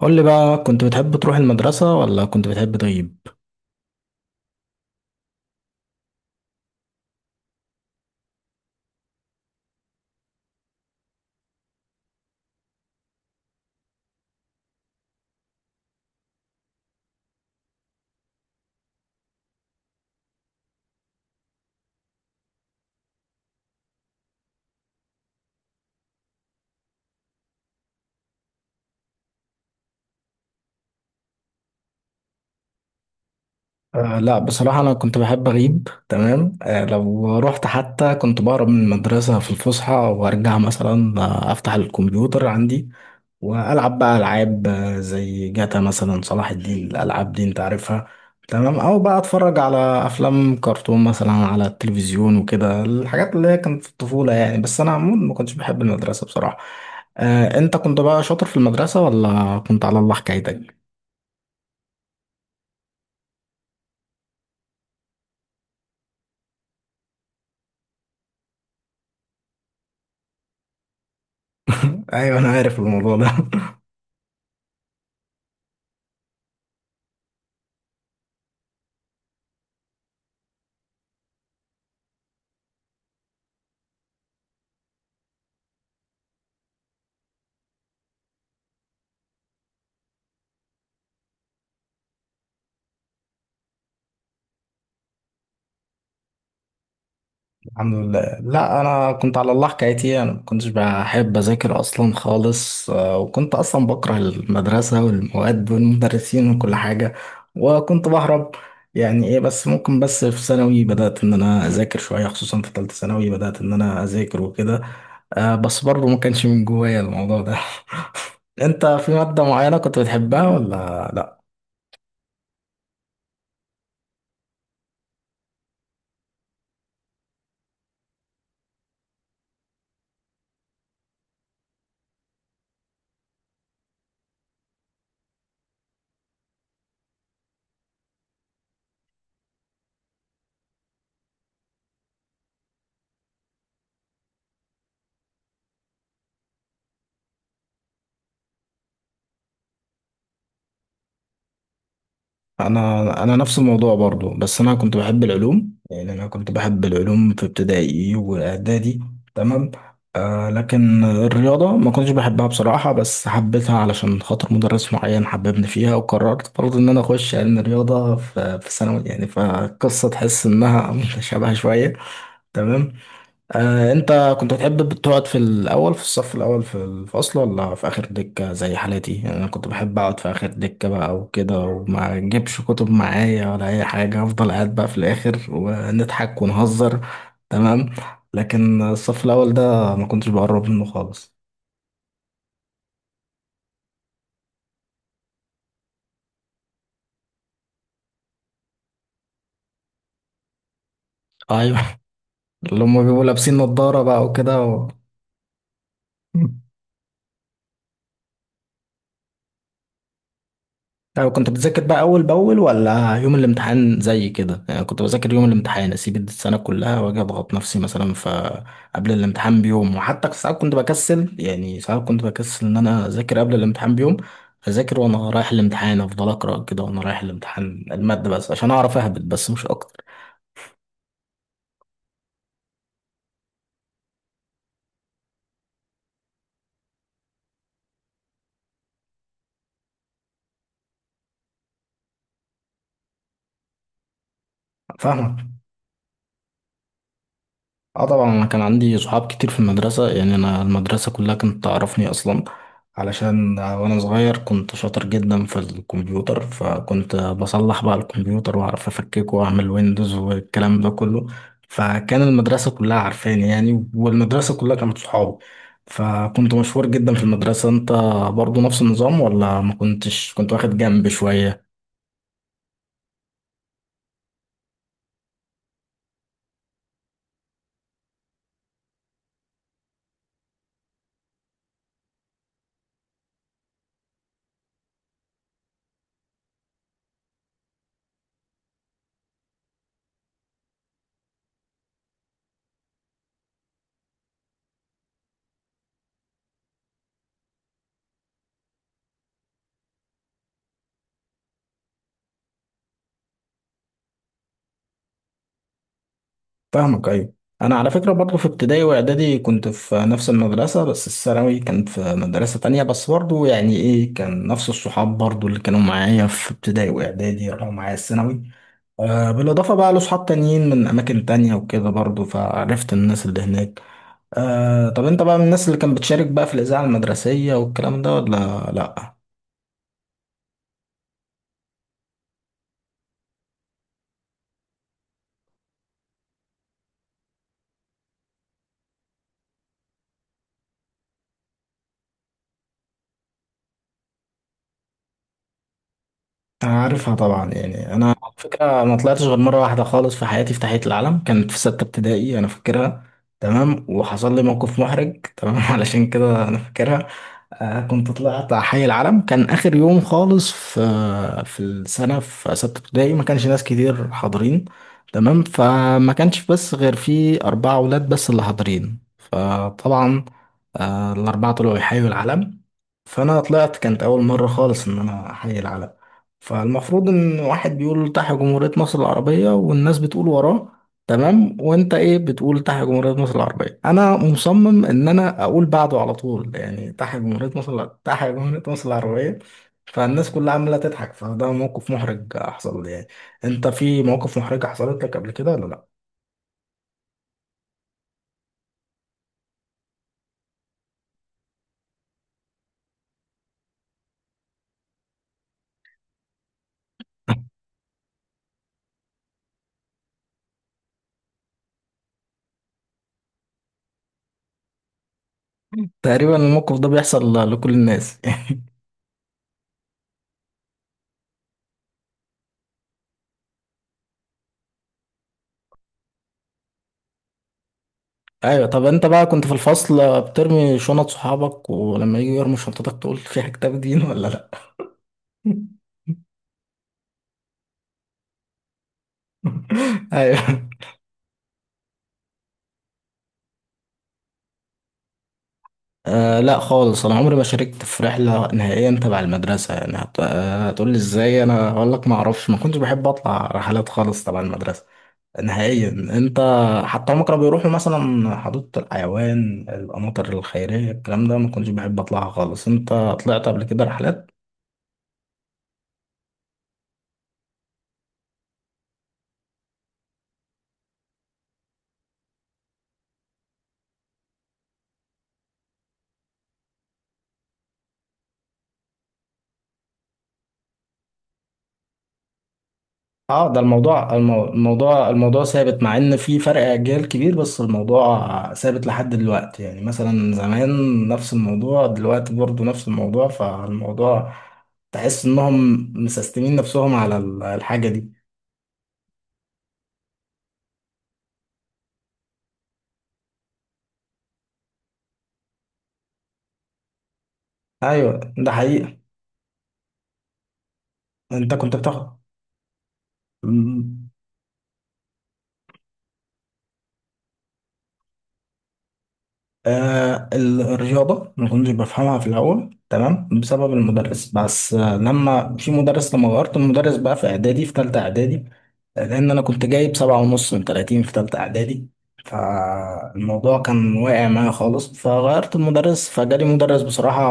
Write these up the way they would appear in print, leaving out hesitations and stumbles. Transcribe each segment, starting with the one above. قول لي بقى، كنت بتحب تروح المدرسة ولا كنت بتحب تغيب؟ آه لا، بصراحة أنا كنت بحب أغيب. تمام. لو رحت حتى كنت بهرب من المدرسة في الفسحة وأرجع مثلا، أفتح الكمبيوتر عندي والعب بقى العاب، زي جاتا مثلا، صلاح الدين، الالعاب دي انت عارفها. تمام، او بقى اتفرج على افلام كرتون مثلا على التلفزيون وكده الحاجات اللي هي كانت في الطفوله يعني. بس انا عموما ما كنتش بحب المدرسه بصراحه. انت كنت بقى شاطر في المدرسه ولا كنت على الله حكايتك؟ ايوه انا عارف الموضوع ده. الحمد لله. لا، انا كنت على الله حكايتي، انا ما كنتش بحب اذاكر اصلا خالص، وكنت اصلا بكره المدرسه والمواد والمدرسين وكل حاجه. وكنت بهرب. يعني ايه؟ بس ممكن بس في ثانوي بدات ان انا اذاكر شويه، خصوصا في ثالثه ثانوي بدات ان انا اذاكر وكده. بس برضه ما كانش من جوايا الموضوع ده. انت في ماده معينه كنت بتحبها ولا لا؟ انا نفس الموضوع برضو، بس انا كنت بحب العلوم، يعني انا كنت بحب العلوم في ابتدائي واعدادي. تمام. لكن الرياضه ما كنتش بحبها بصراحه، بس حبيتها علشان خاطر مدرس معين حببني فيها، وقررت برضو ان انا اخش علم الرياضه في ثانوي يعني. فالقصه تحس انها متشابهه شويه. تمام. انت كنت بتحب تقعد في الاول في الصف الاول في الفصل، ولا في اخر دكة زي حالتي؟ انا كنت بحب اقعد في اخر دكة بقى وكده، وما اجيبش كتب معايا ولا اي حاجة، افضل قاعد بقى في الاخر ونضحك ونهزر. تمام. لكن الصف الاول ده ما كنتش بقرب منه خالص. ايوه، اللي هم بيبقوا لابسين نظارة بقى وكده يعني كنت بتذاكر بقى أول بأول، ولا يوم الامتحان زي كده؟ يعني كنت بذاكر يوم الامتحان، أسيب السنة كلها وأجي أضغط نفسي مثلا فقبل الامتحان بيوم. وحتى ساعات كنت بكسل، يعني ساعات كنت بكسل إن أنا أذاكر قبل الامتحان بيوم. أذاكر وأنا رايح الامتحان، أفضل أقرأ كده وأنا رايح الامتحان المادة بس عشان أعرف أهبط بس، مش أكتر. فاهمك. اه طبعا، انا كان عندي صحاب كتير في المدرسة، يعني انا المدرسة كلها كانت تعرفني اصلا، علشان وانا صغير كنت شاطر جدا في الكمبيوتر، فكنت بصلح بقى الكمبيوتر واعرف افككه واعمل ويندوز والكلام ده كله. فكان المدرسة كلها عارفاني يعني، والمدرسة كلها كانت صحابي. فكنت مشهور جدا في المدرسة. انت برضو نفس النظام، ولا ما كنتش كنت واخد جنب شوية؟ فاهمك. ايوه، انا على فكره برضه في ابتدائي واعدادي كنت في نفس المدرسه، بس الثانوي كان في مدرسه تانية، بس برضه يعني ايه كان نفس الصحاب برضه، اللي كانوا معايا في ابتدائي واعدادي راحوا معايا الثانوي. بالاضافه بقى لصحاب تانيين من اماكن تانية وكده برضه، فعرفت الناس اللي هناك. طب انت بقى من الناس اللي كانت بتشارك بقى في الاذاعه المدرسيه والكلام ده، ولا لا؟ عارفها طبعا. يعني انا على فكره ما طلعتش غير مره واحده خالص في حياتي في تحيه العلم، كانت في سته ابتدائي انا فاكرها. تمام، وحصل لي موقف محرج. تمام علشان كده انا فاكرها. كنت طلعت على حي العلم، كان اخر يوم خالص في في السنه في سته ابتدائي، ما كانش ناس كتير حاضرين. تمام، فما كانش بس غير في اربعه اولاد بس اللي حاضرين. آه طبعا. الاربعه طلعوا يحيوا العلم. فانا طلعت، كانت اول مره خالص ان انا احيي العلم. فالمفروض ان واحد بيقول تحيا جمهوريه مصر العربيه والناس بتقول وراه. تمام، وانت ايه بتقول تحيا جمهوريه مصر العربيه، انا مصمم ان انا اقول بعده على طول، يعني تحيا جمهوريه مصر تحيا جمهوريه مصر العربيه. فالناس كلها عماله تضحك، فده موقف محرج حصل لي يعني. انت في مواقف محرجه حصلت لك قبل كده، ولا لا؟ تقريبا الموقف ده بيحصل لكل الناس. ايوه. طب انت بقى كنت في الفصل بترمي شنط صحابك، ولما يجوا يرموا شنطتك تقول في كتاب دين ولا لا؟ ايوه. آه لا خالص، انا عمري ما شاركت في رحله نهائيا تبع المدرسه يعني. هت... آه هتقول لي ازاي؟ انا اقول لك ما اعرفش، ما كنتش بحب اطلع رحلات خالص تبع المدرسه نهائيا. انت حتى هم كانوا بيروحوا مثلا حديقه الحيوان، القناطر الخيريه، الكلام ده ما كنتش بحب اطلعها خالص. انت طلعت قبل كده رحلات؟ اه ده الموضوع الموضوع الموضوع ثابت، مع ان في فرق اجيال كبير بس الموضوع ثابت لحد دلوقتي، يعني مثلا زمان نفس الموضوع، دلوقتي برضو نفس الموضوع. فالموضوع تحس انهم مسستمين نفسهم على الحاجة دي. ايوه ده حقيقة. انت كنت بتاخد؟ آه الرياضة ما كنتش بفهمها في الأول تمام، بسبب المدرس بس. لما غيرت المدرس بقى في إعدادي في تالتة إعدادي، لأن أنا كنت جايب 7.5 من 30 في تالتة إعدادي، فالموضوع كان واقع معايا خالص، فغيرت المدرس، فجالي مدرس بصراحة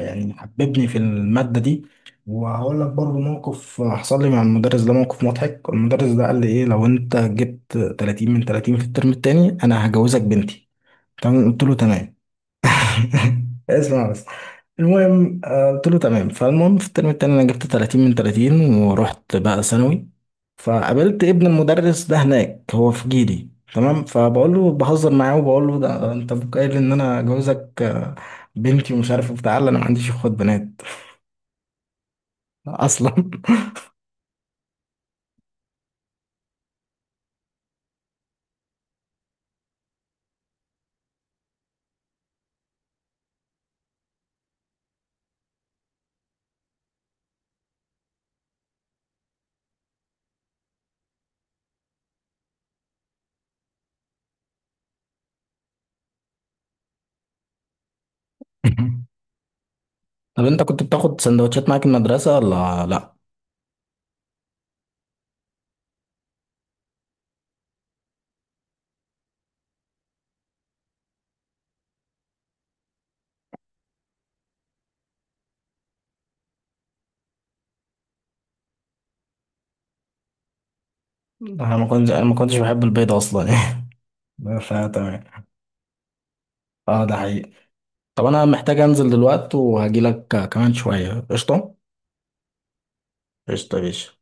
يعني حببني في المادة دي. وهقول لك برضه موقف حصل لي مع المدرس ده، موقف مضحك. المدرس ده قال لي إيه، لو أنت جبت 30 من 30 في الترم التاني أنا هجوزك بنتي. تمام، قلت له تمام. اسمع بس، المهم قلت له تمام. فالمهم في الترم التاني انا جبت 30 من 30 ورحت بقى ثانوي، فقابلت ابن المدرس ده هناك هو في جيلي. تمام، فبقول له بهزر معاه، وبقول له ده انت أبوك قايل ان انا جوزك بنتي ومش عارف إيه بتاع. لا، انا ما عنديش اخوات بنات اصلا طب انت كنت بتاخد سندوتشات معاك المدرسه ولا لا؟ انا ما كنتش بحب البيض اصلا فتمام. اه ده حقيقي. طب انا محتاج انزل دلوقتي، وهجيلك كمان شوية قشطة. قشطة يا باشا.